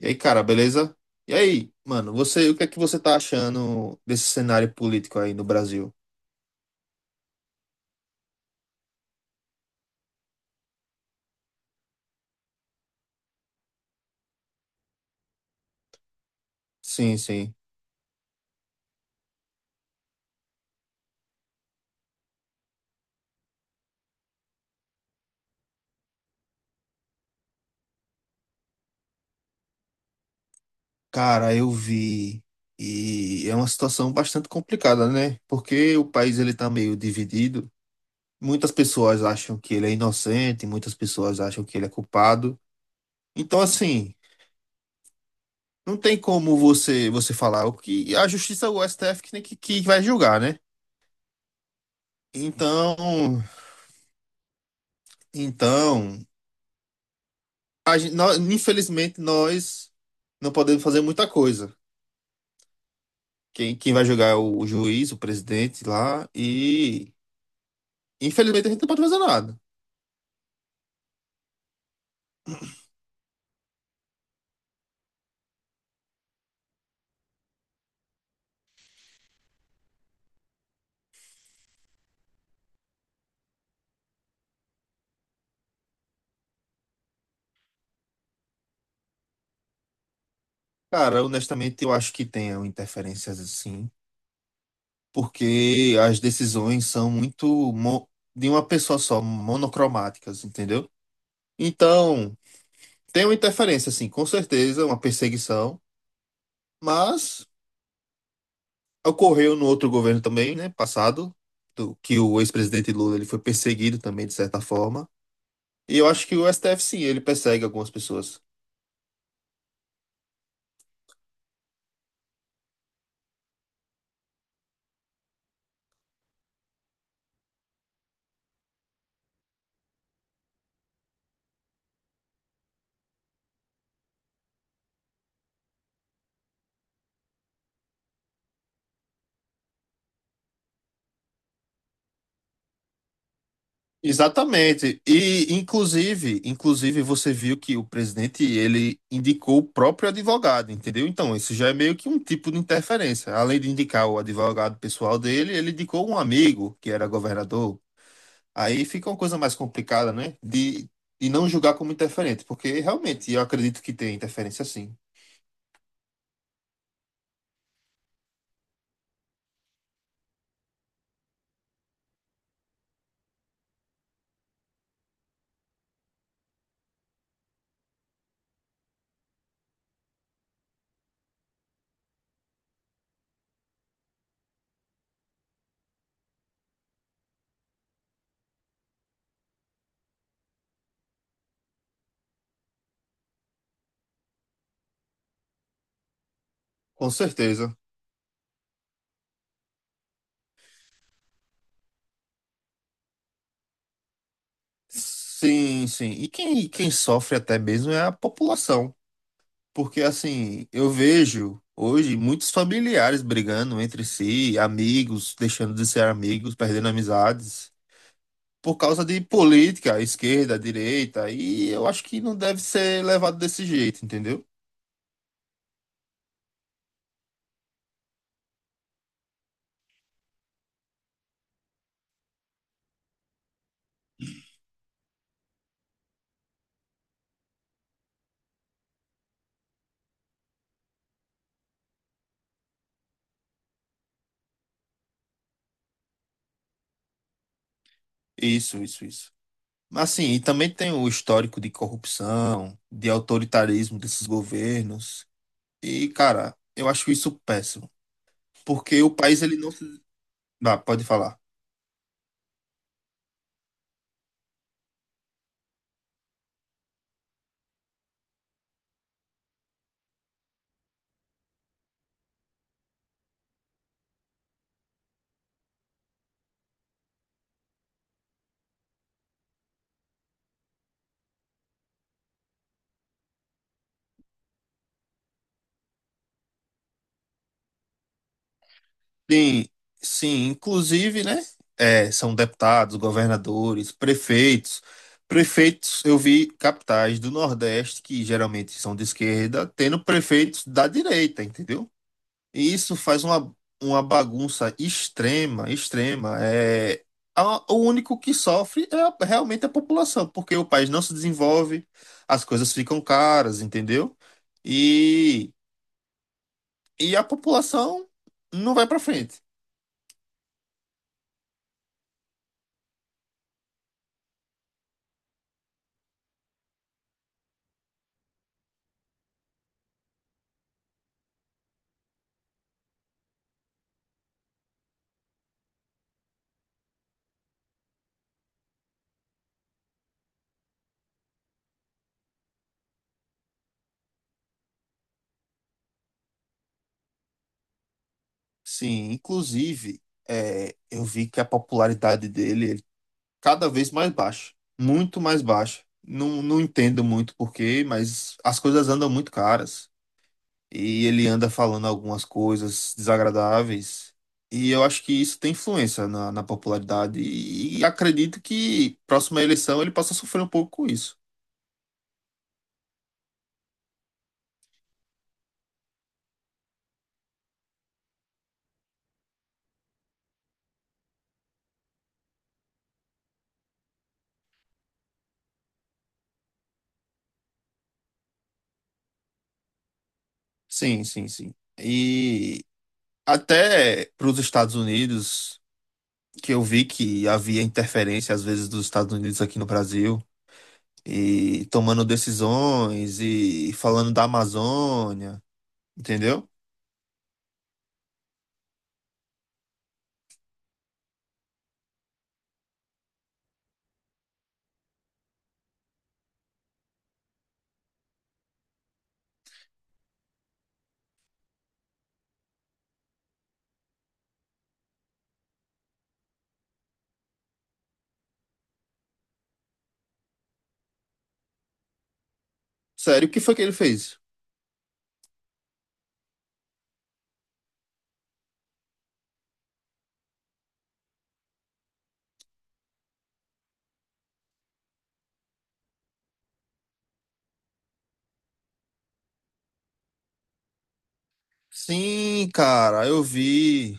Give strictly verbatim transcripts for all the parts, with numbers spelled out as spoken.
E aí, cara, beleza? E aí, mano, você, o que é que você tá achando desse cenário político aí no Brasil? Sim, sim. Cara, eu vi. E é uma situação bastante complicada, né? Porque o país ele tá meio dividido. Muitas pessoas acham que ele é inocente, muitas pessoas acham que ele é culpado. Então, assim, não tem como você você falar o que a justiça, o S T F que, tem que que vai julgar, né? Então, então, a gente- nó- infelizmente, nós não podemos fazer muita coisa. Quem, quem vai julgar é o, o juiz, o presidente lá, e infelizmente a gente não pode fazer nada. Cara, honestamente, eu acho que tem interferências assim, porque as decisões são muito mo- de uma pessoa só, monocromáticas, entendeu? Então, tem uma interferência, assim, com certeza, uma perseguição, mas ocorreu no outro governo também, né, passado, do, que o ex-presidente Lula ele foi perseguido também, de certa forma. E eu acho que o S T F sim, ele persegue algumas pessoas. Exatamente. E inclusive, inclusive você viu que o presidente ele indicou o próprio advogado, entendeu? Então, isso já é meio que um tipo de interferência. Além de indicar o advogado pessoal dele, ele indicou um amigo que era governador. Aí fica uma coisa mais complicada, né? De e não julgar como interferente, porque realmente eu acredito que tem interferência sim. Com certeza. Sim, sim. E quem, quem sofre até mesmo é a população. Porque assim, eu vejo hoje muitos familiares brigando entre si, amigos deixando de ser amigos, perdendo amizades, por causa de política, esquerda, direita, e eu acho que não deve ser levado desse jeito, entendeu? Isso, isso, isso. Mas assim, e também tem o histórico de corrupção, de autoritarismo desses governos. E, cara, eu acho isso péssimo, porque o país ele não se... Ah, pode falar. Sim, sim, inclusive, né? É, são deputados, governadores, prefeitos. Prefeitos, eu vi capitais do Nordeste, que geralmente são de esquerda, tendo prefeitos da direita, entendeu? E isso faz uma, uma bagunça extrema, extrema. É, a- o único que sofre é a- realmente a população, porque o país não se desenvolve, as coisas ficam caras, entendeu? E, e a população não vai para frente. Sim, inclusive, é, eu vi que a popularidade dele ele, cada vez mais baixa, muito mais baixa. Não, não entendo muito porquê, mas as coisas andam muito caras. E ele anda falando algumas coisas desagradáveis. E eu acho que isso tem influência na, na popularidade. E, e acredito que próxima eleição ele possa sofrer um pouco com isso. Sim, sim, sim. E até para os Estados Unidos. Que eu vi que havia interferência às vezes dos Estados Unidos aqui no Brasil e tomando decisões e falando da Amazônia, entendeu? Sério, o que foi que ele fez? Sim, cara, eu vi,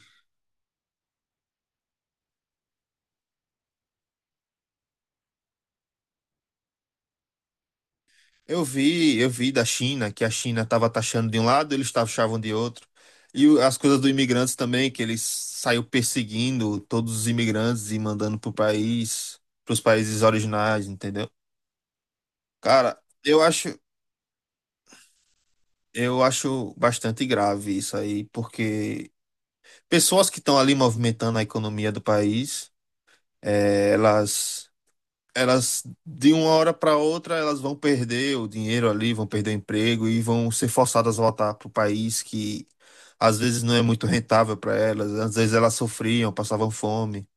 eu vi, eu vi da China que a China estava taxando de um lado, eles taxavam de outro. E o- as coisas dos imigrantes também, que eles saiu perseguindo todos os imigrantes e mandando pro país, pros países originais, entendeu? Cara, eu acho Eu acho bastante grave isso aí, porque pessoas que estão ali movimentando a economia do país, eh, elas, elas de uma hora para outra elas vão perder o dinheiro ali, vão perder o emprego e vão ser forçadas a voltar para o país que às vezes não é muito rentável para elas, às vezes elas sofriam, passavam fome.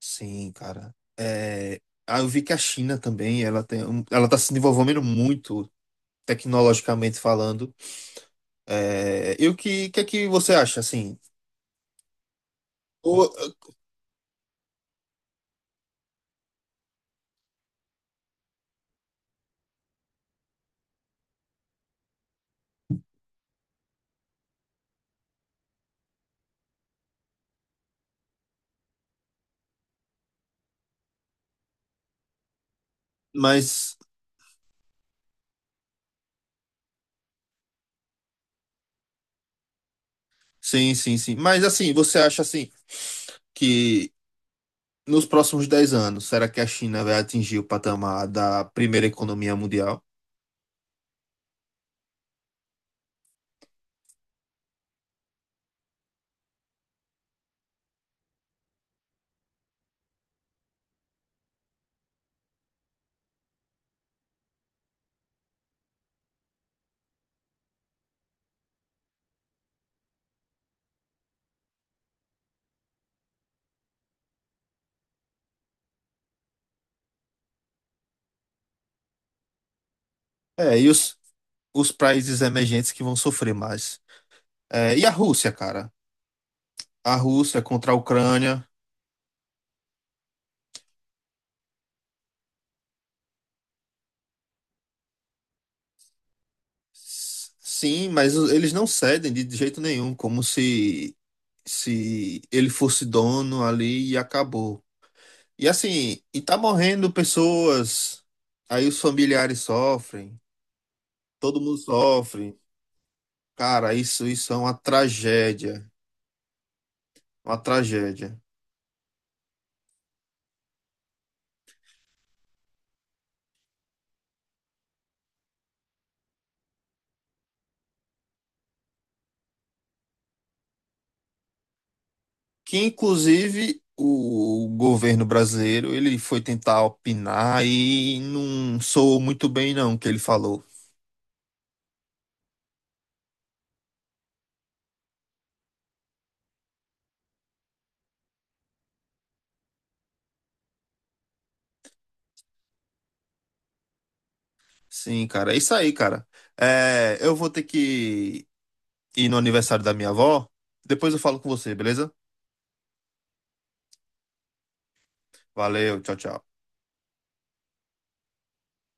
Sim, cara. Eh, ah, eu vi que a China também, ela tem, um- ela está se desenvolvendo muito tecnologicamente falando. É, e o que, que é que você acha, assim? Ou, mas, sim, sim, sim. Mas, assim, você acha, assim, que nos próximos dez anos, será que a China vai atingir o patamar da primeira economia mundial? É, e os, os países emergentes que vão sofrer mais? É, e a Rússia, cara? A Rússia contra a Ucrânia. S- Sim, mas o- eles não cedem de jeito nenhum, como se, se ele fosse dono ali e acabou. E assim, e tá morrendo pessoas, aí os familiares sofrem, todo mundo sofre. Cara, isso, isso é uma tragédia, uma tragédia. Que inclusive o, o governo brasileiro, ele foi tentar opinar e não soou muito bem não o que ele falou. Sim, cara, é isso aí, cara. É, eu vou ter que ir no aniversário da minha avó, depois eu falo com você, beleza? Valeu, tchau, tchau.